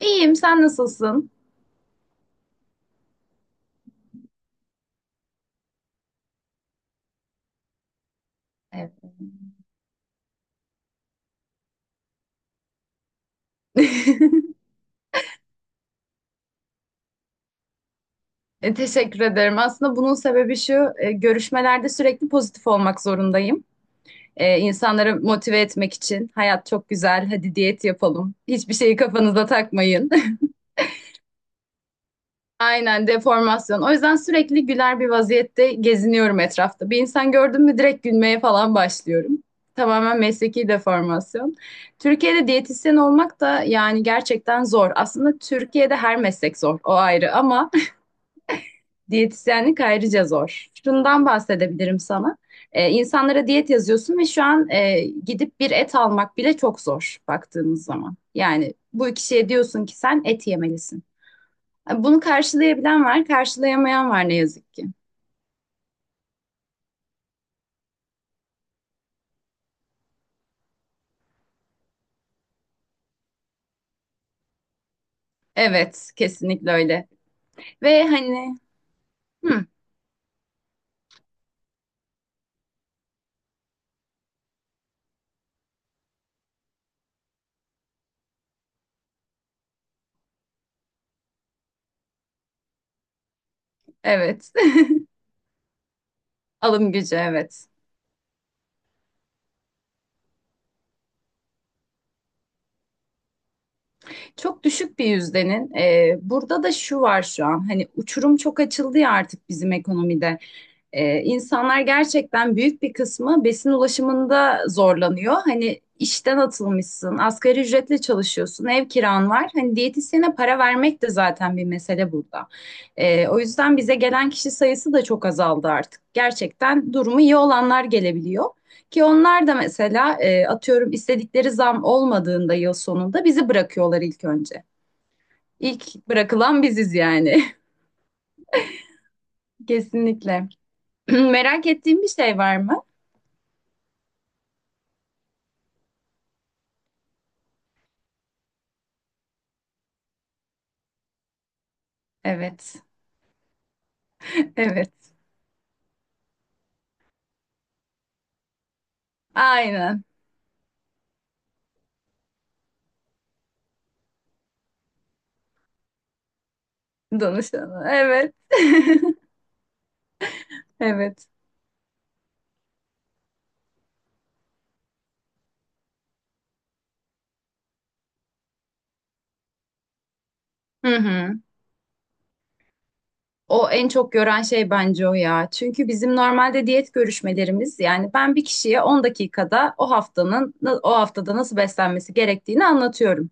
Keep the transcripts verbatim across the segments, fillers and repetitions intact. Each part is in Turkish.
İyiyim, sen nasılsın? Evet. E, teşekkür ederim. Aslında bunun sebebi şu, e, görüşmelerde sürekli pozitif olmak zorundayım. E, insanları motive etmek için hayat çok güzel, hadi diyet yapalım. Hiçbir şeyi kafanıza takmayın. Aynen deformasyon. O yüzden sürekli güler bir vaziyette geziniyorum etrafta. Bir insan gördüm mü direkt gülmeye falan başlıyorum. Tamamen mesleki deformasyon. Türkiye'de diyetisyen olmak da yani gerçekten zor. Aslında Türkiye'de her meslek zor, o ayrı ama diyetisyenlik ayrıca zor. Şundan bahsedebilirim sana. Ee, insanlara diyet yazıyorsun ve şu an e, gidip bir et almak bile çok zor baktığımız zaman. Yani bu kişiye diyorsun ki sen et yemelisin. E, Bunu karşılayabilen var, karşılayamayan var ne yazık ki. Evet, kesinlikle öyle. Ve hani, hı, evet. Alım gücü, evet. Çok düşük bir yüzdenin. E, burada da şu var şu an. Hani uçurum çok açıldı ya artık bizim ekonomide. Ee, insanlar gerçekten büyük bir kısmı besin ulaşımında zorlanıyor. Hani işten atılmışsın, asgari ücretle çalışıyorsun, ev kiran var. Hani diyetisyene para vermek de zaten bir mesele burada. Ee, o yüzden bize gelen kişi sayısı da çok azaldı artık. Gerçekten durumu iyi olanlar gelebiliyor. Ki onlar da mesela e, atıyorum istedikleri zam olmadığında yıl sonunda bizi bırakıyorlar ilk önce. İlk bırakılan biziz yani. Kesinlikle. Merak ettiğim bir şey var mı? Evet. Evet. Aynen. Danışanı. Evet. Evet. Hı hı. O en çok gören şey bence o ya. Çünkü bizim normalde diyet görüşmelerimiz yani ben bir kişiye on dakikada o haftanın o haftada nasıl beslenmesi gerektiğini anlatıyorum.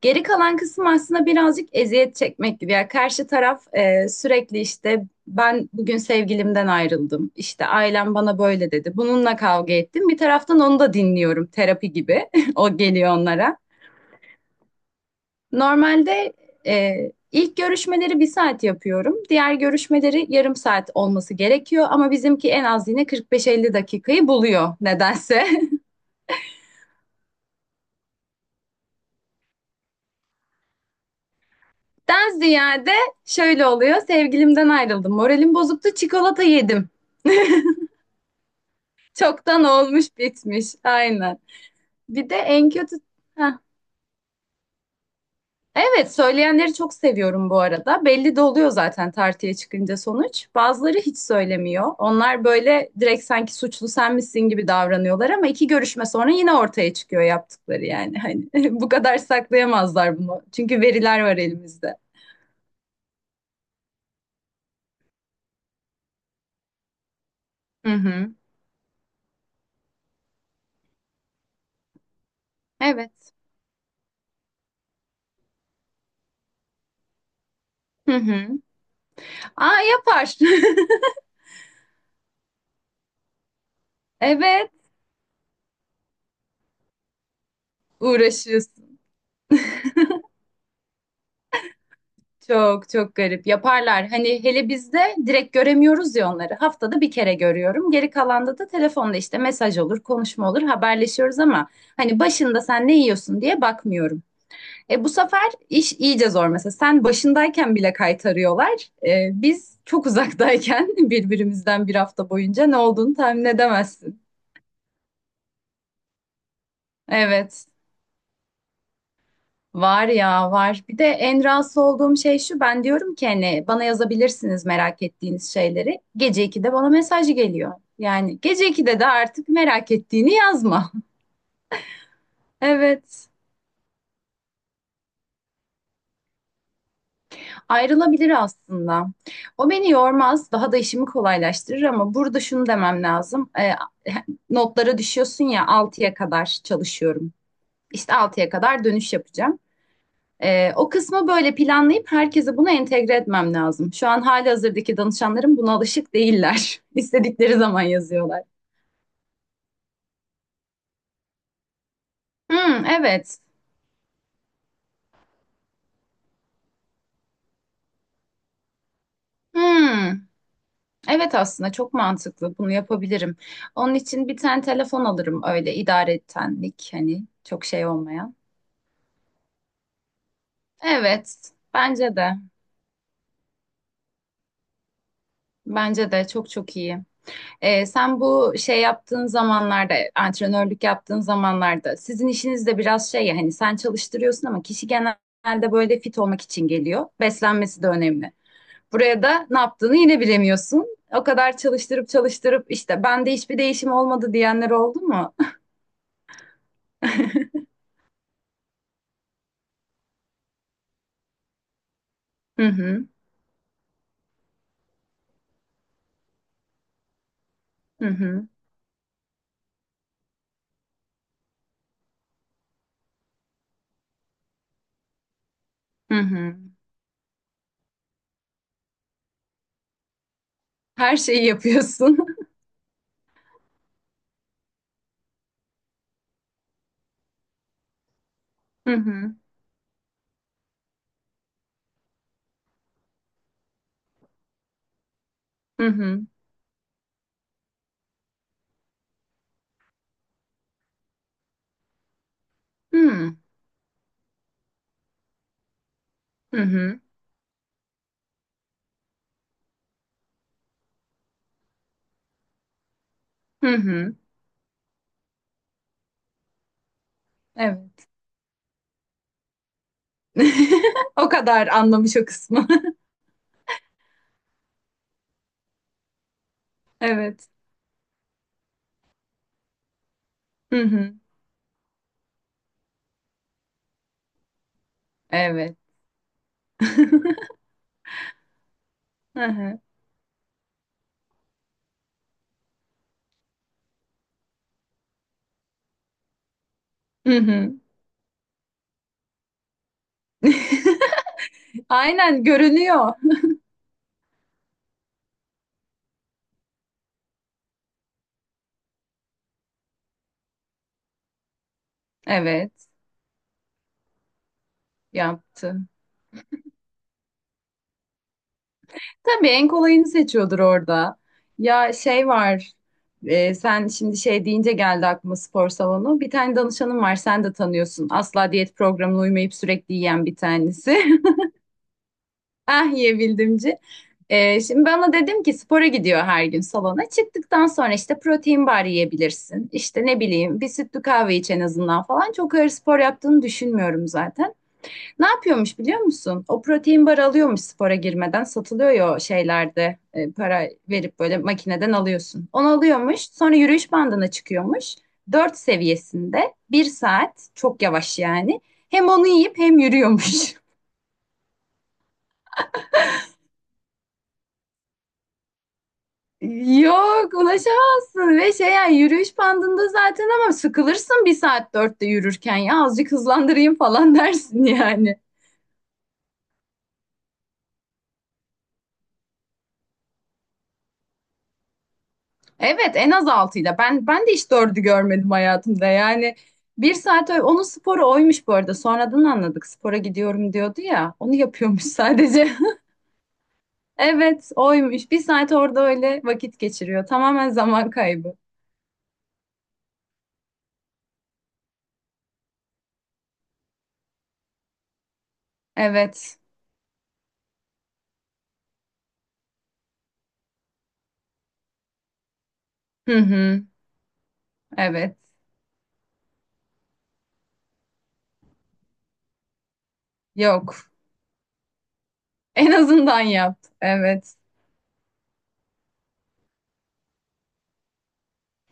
Geri kalan kısım aslında birazcık eziyet çekmek gibi. Yani karşı taraf, e, sürekli işte ben bugün sevgilimden ayrıldım. İşte ailem bana böyle dedi. Bununla kavga ettim. Bir taraftan onu da dinliyorum, terapi gibi. O geliyor onlara. Normalde, e, ilk görüşmeleri bir saat yapıyorum. Diğer görüşmeleri yarım saat olması gerekiyor ama bizimki en az yine kırk beş elli dakikayı buluyor nedense. Den ziyade şöyle oluyor. Sevgilimden ayrıldım. Moralim bozuktu. Çikolata yedim. Çoktan olmuş bitmiş. Aynen. Bir de en kötü... Heh, evet, söyleyenleri çok seviyorum bu arada. Belli de oluyor zaten tartıya çıkınca sonuç. Bazıları hiç söylemiyor. Onlar böyle direkt sanki suçlu sen misin gibi davranıyorlar ama iki görüşme sonra yine ortaya çıkıyor yaptıkları yani. Hani bu kadar saklayamazlar bunu. Çünkü veriler var elimizde. Hı hı. Evet. Hı hı. Aa, yapar. Evet, uğraşıyorsun. Çok çok garip yaparlar. Hani hele bizde direkt göremiyoruz ya onları. Haftada bir kere görüyorum. Geri kalanda da telefonda işte mesaj olur, konuşma olur, haberleşiyoruz ama hani başında sen ne yiyorsun diye bakmıyorum. E bu sefer iş iyice zor mesela. Sen başındayken bile kaytarıyorlar. E, biz çok uzaktayken birbirimizden bir hafta boyunca ne olduğunu tahmin edemezsin. Evet. Var ya var. Bir de en rahatsız olduğum şey şu. Ben diyorum ki hani bana yazabilirsiniz merak ettiğiniz şeyleri. Gece ikide bana mesaj geliyor. Yani gece ikide de artık merak ettiğini yazma. Evet. Ayrılabilir aslında. O beni yormaz. Daha da işimi kolaylaştırır ama burada şunu demem lazım. Ee, notlara düşüyorsun ya, altıya kadar çalışıyorum. İşte altıya kadar dönüş yapacağım. Ee, o kısmı böyle planlayıp herkese bunu entegre etmem lazım. Şu an halihazırdaki danışanlarım buna alışık değiller. İstedikleri zaman yazıyorlar. Hmm, evet. Hmm, evet, aslında çok mantıklı. Bunu yapabilirim. Onun için bir tane telefon alırım, öyle idaretenlik hani çok şey olmayan. Evet, bence de. Bence de çok çok iyi. Ee, sen bu şey yaptığın zamanlarda, antrenörlük yaptığın zamanlarda sizin işiniz de biraz şey ya, hani sen çalıştırıyorsun ama kişi genelde böyle fit olmak için geliyor. Beslenmesi de önemli. Buraya da ne yaptığını yine bilemiyorsun. O kadar çalıştırıp çalıştırıp işte bende hiçbir değişim olmadı diyenler oldu mu? Hı hı, hı hı, hı hı. Her şeyi yapıyorsun. Hı hı, hı hı, hı hı, hı hı. Evet. O kadar anlamış o kısmı. Evet. Hı hı. Evet. Hı hı. Hı hı. Aynen görünüyor. Evet, yaptı. Tabii en kolayını seçiyordur orada. Ya şey var, e, sen şimdi şey deyince geldi aklıma spor salonu. Bir tane danışanım var, sen de tanıyorsun. Asla diyet programına uymayıp sürekli yiyen bir tanesi. Ah, yiyebildimci. E, şimdi ben ona dedim ki spora gidiyor her gün salona. Çıktıktan sonra işte protein bar yiyebilirsin. İşte ne bileyim bir sütlü kahve iç en azından falan. Çok ağır spor yaptığını düşünmüyorum zaten. Ne yapıyormuş biliyor musun? O protein bar alıyormuş spora girmeden. Satılıyor ya o şeylerde. E, para verip böyle makineden alıyorsun. Onu alıyormuş. Sonra yürüyüş bandına çıkıyormuş. Dört seviyesinde. Bir saat. Çok yavaş yani. Hem onu yiyip hem yürüyormuş. Yok, ulaşamazsın ve şey yani yürüyüş bandında zaten ama sıkılırsın bir saat dörtte yürürken, ya azıcık hızlandırayım falan dersin yani. Evet, en az altıyla. Ben ben de hiç dördü görmedim hayatımda. Yani bir saat oy- onun sporu oymuş bu arada. Sonradan anladık. Spora gidiyorum diyordu ya. Onu yapıyormuş sadece. Evet, oymuş. Bir saat orada öyle vakit geçiriyor. Tamamen zaman kaybı. Evet. Hı hı. Evet. Yok. En azından yap. Evet.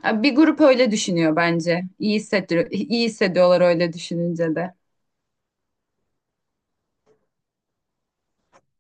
Bir grup öyle düşünüyor bence. İyi hissediyor, iyi hissediyorlar öyle düşününce de.